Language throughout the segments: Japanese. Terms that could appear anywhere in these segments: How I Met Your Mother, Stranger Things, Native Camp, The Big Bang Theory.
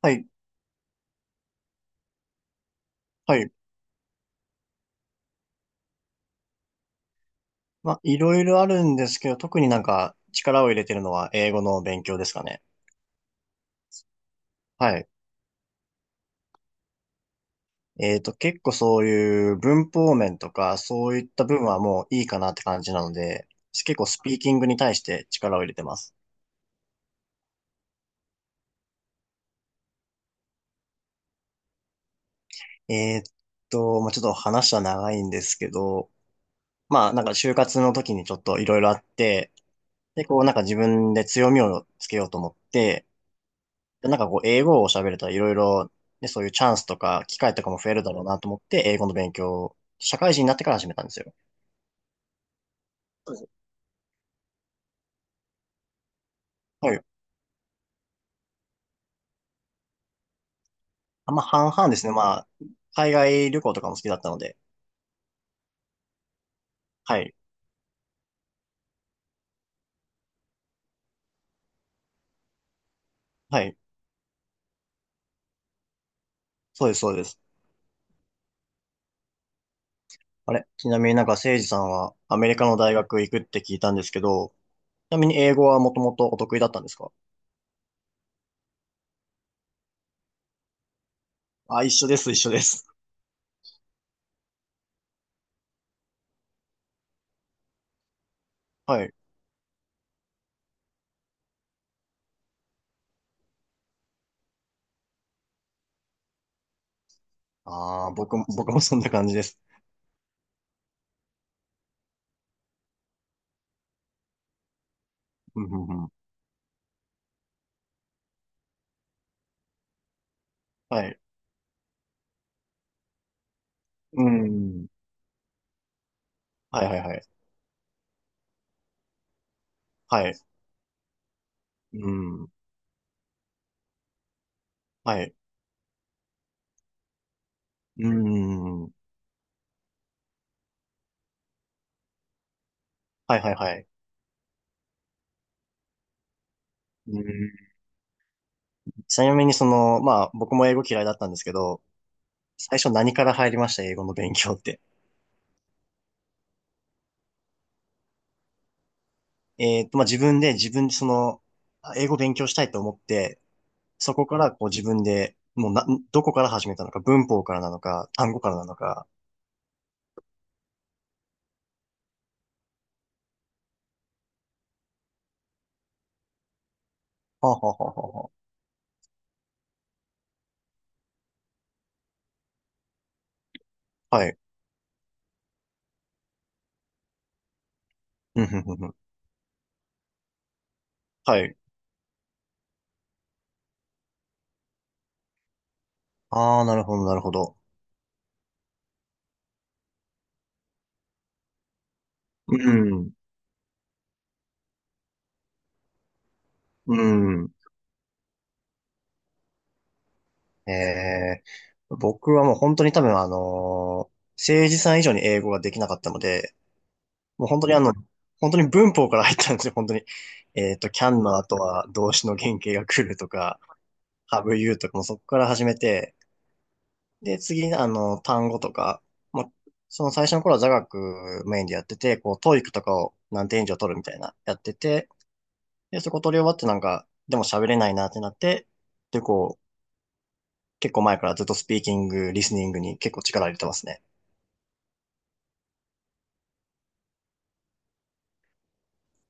はい、はい。まあ、いろいろあるんですけど、特になんか力を入れてるのは英語の勉強ですかね。はい。結構そういう文法面とか、そういった部分はもういいかなって感じなので、結構スピーキングに対して力を入れてます。えっまあ、ちょっと話は長いんですけど、まあ、なんか就活の時にちょっといろいろあって、で、こうなんか自分で強みをつけようと思って、で、なんかこう、英語を喋れたらいろいろ、ね、そういうチャンスとか、機会とかも増えるだろうなと思って、英語の勉強を、社会人になってから始めたんですよ。そうですね。はい。あんま半々ですね。まあ、海外旅行とかも好きだったので。はい。はい。そうです、そうです。あれちなみになんか、誠司さんはアメリカの大学行くって聞いたんですけど、ちなみに英語はもともとお得意だったんですか？あ、一緒です、一緒です。はい。ああ、僕もそんな感じです。うん、うん、うん。はい。うん。はい、はい、はい。はい。うん。はい。うーん。はいはいはい。うーん。ちなみにその、まあ僕も英語嫌いだったんですけど、最初何から入りました英語の勉強って？まあ自分でその、あ、英語勉強したいと思って、そこからこう自分で、もうな、どこから始めたのか、文法からなのか、単語からなのか。はあ、はあはあはあはあはい。うん、ふんふんふん。はい。ああ、なるほど、なるほど。うん。うん。ええ、僕はもう本当に多分政治さん以上に英語ができなかったので、もう本当に本当に文法から入ったんですよ、本当に。Can の後は動詞の原型が来るとか、have you とかもそこから始めて、で、次に単語とか、まあ、その最初の頃は座学メインでやってて、こう、ト o e とかを何点以上取るみたいな、やってて、で、そこ取り終わってなんか、でも喋れないなってなって、で、こう、結構前からずっとスピーキング、リスニングに結構力入れてますね。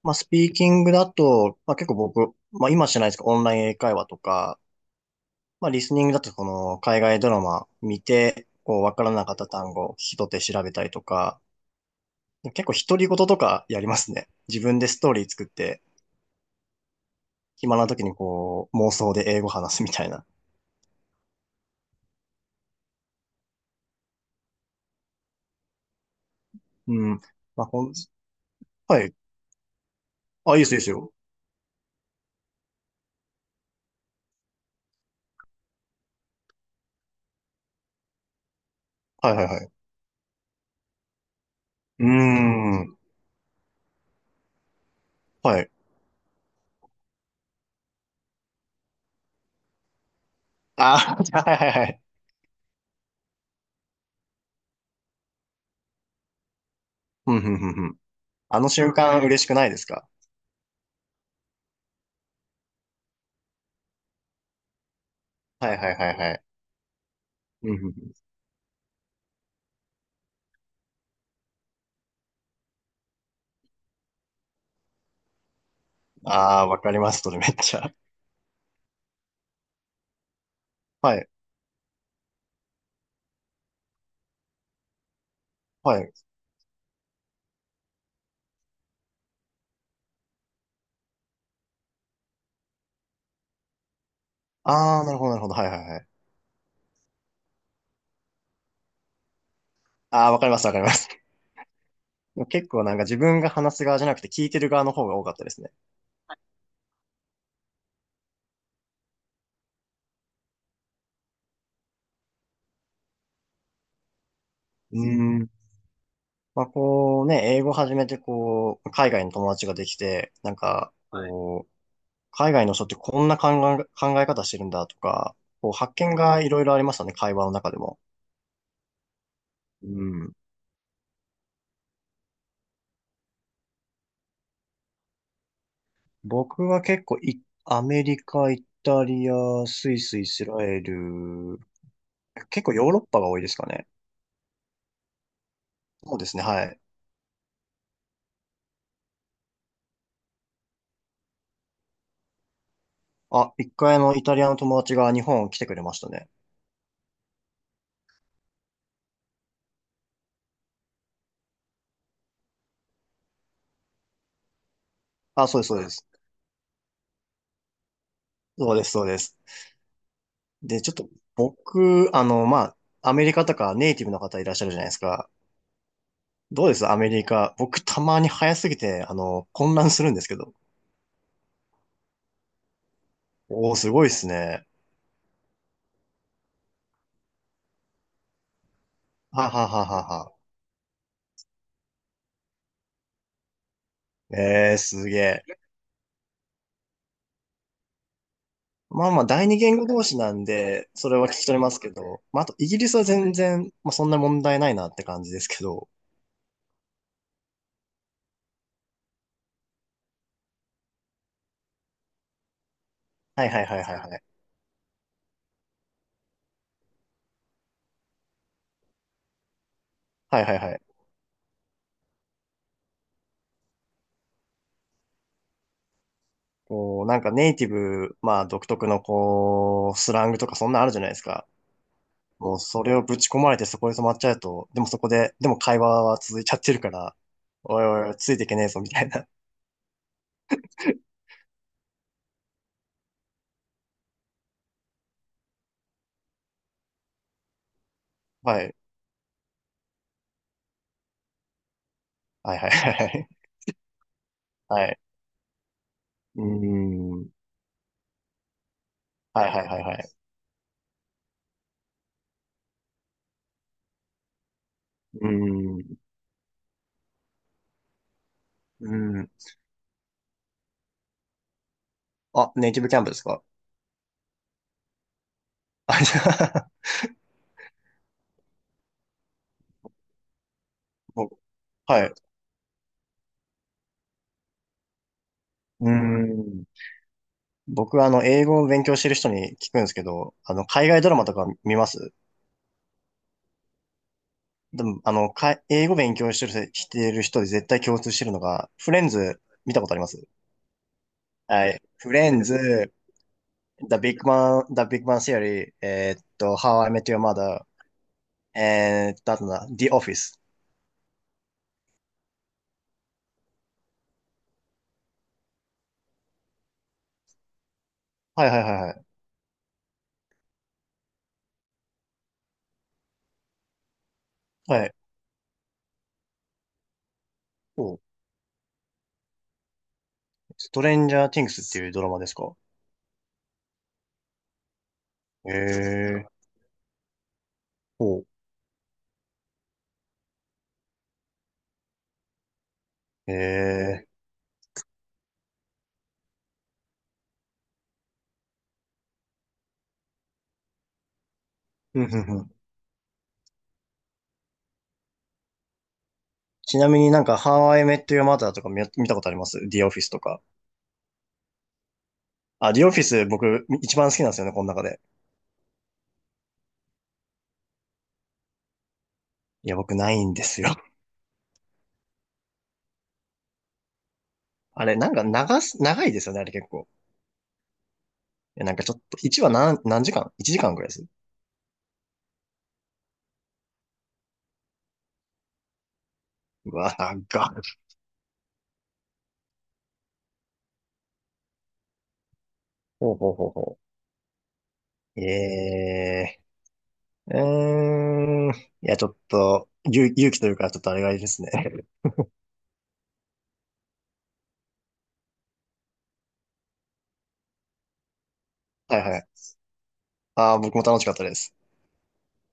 まあ、スピーキングだと、まあ、結構僕、まあ、今しないですけど、オンライン英会話とか、まあ、リスニングだと、この、海外ドラマ見て、こう、わからなかった単語、聞き取って調べたりとか、結構独り言とかやりますね。自分でストーリー作って、暇な時にこう、妄想で英語話すみたいな。うん。まあ、はい。あ、いいですよ、いいですよ。はいはいはい。うーん。はい。あー、はいはいはい。うん、うん、うん、うん。あの瞬間嬉しくないですか？はいはいはいはい。うん、うん、うん。ああ、わかります、それめっちゃ。はい、はい。ああ、なるほど、なるほど。はいはいはい。ああ、わかります、わかります。もう結構なんか自分が話す側じゃなくて聞いてる側の方が多かったですね。うん。まあこうね、英語始めてこう、海外の友達ができて、なんか、はい。こう、海外の人ってこんな考え、考え方してるんだとか、こう発見がいろいろありましたね、会話の中でも。うん。僕は結構い、アメリカ、イタリア、スイス、イスラエル、結構ヨーロッパが多いですかね。そうですね、はい。あ、一回イタリアの友達が日本来てくれましたね。あ、そうです、そうです。そうです、そうです。で、ちょっと僕、まあ、アメリカとかネイティブの方いらっしゃるじゃないですか。どうですアメリカ？僕たまに早すぎて、混乱するんですけど。おー、すごいですね。ははははは。えー、すげえ。まあまあ、第二言語同士なんで、それは聞き取れますけど。まあ、あと、イギリスは全然、まあ、そんな問題ないなって感じですけど。はいはいはいはいはい。はいはいはい。こう、なんかネイティブ、まあ、独特のこう、スラングとかそんなあるじゃないですか。もうそれをぶち込まれてそこで止まっちゃうと、でもそこで、でも会話は続いちゃってるから、おいおいおい、ついていけねえぞ、みたいな。はい。はいはいはいはい。はい。うーん。はいはいはいはい。うーん。うーん。あ、ネイティブキャンプですか？あ、じゃあ、僕はい。うーん。僕は英語を勉強してる人に聞くんですけど、海外ドラマとか見ます？でも、英語勉強してる人で絶対共通してるのが、フレンズ見たことあります？はい。フレンズ、The Big Bang Theory、How I Met Your Mother、あとな、The Office。はいはいはいはい。はい。おう、ストレンジャー・ティングスっていうドラマですか？へえ。おう。へえ。ふんふんふん。ちなみになんか、How I Met Your Mother とか見たことあります ?The Office とか。あ、The Office 僕一番好きなんですよね、この中で。いや、僕ないんですよ。あれ、なんか長いですよね、あれ結構。いや、なんかちょっと、1話何時間 ?1 時間ぐらいです。うわ、長っ。ほうほうほうほう。ええー、うーん。いや、ちょっと、勇気というか、ちょっとあれがいいですね。はいはい。ああ、僕も楽しかったです。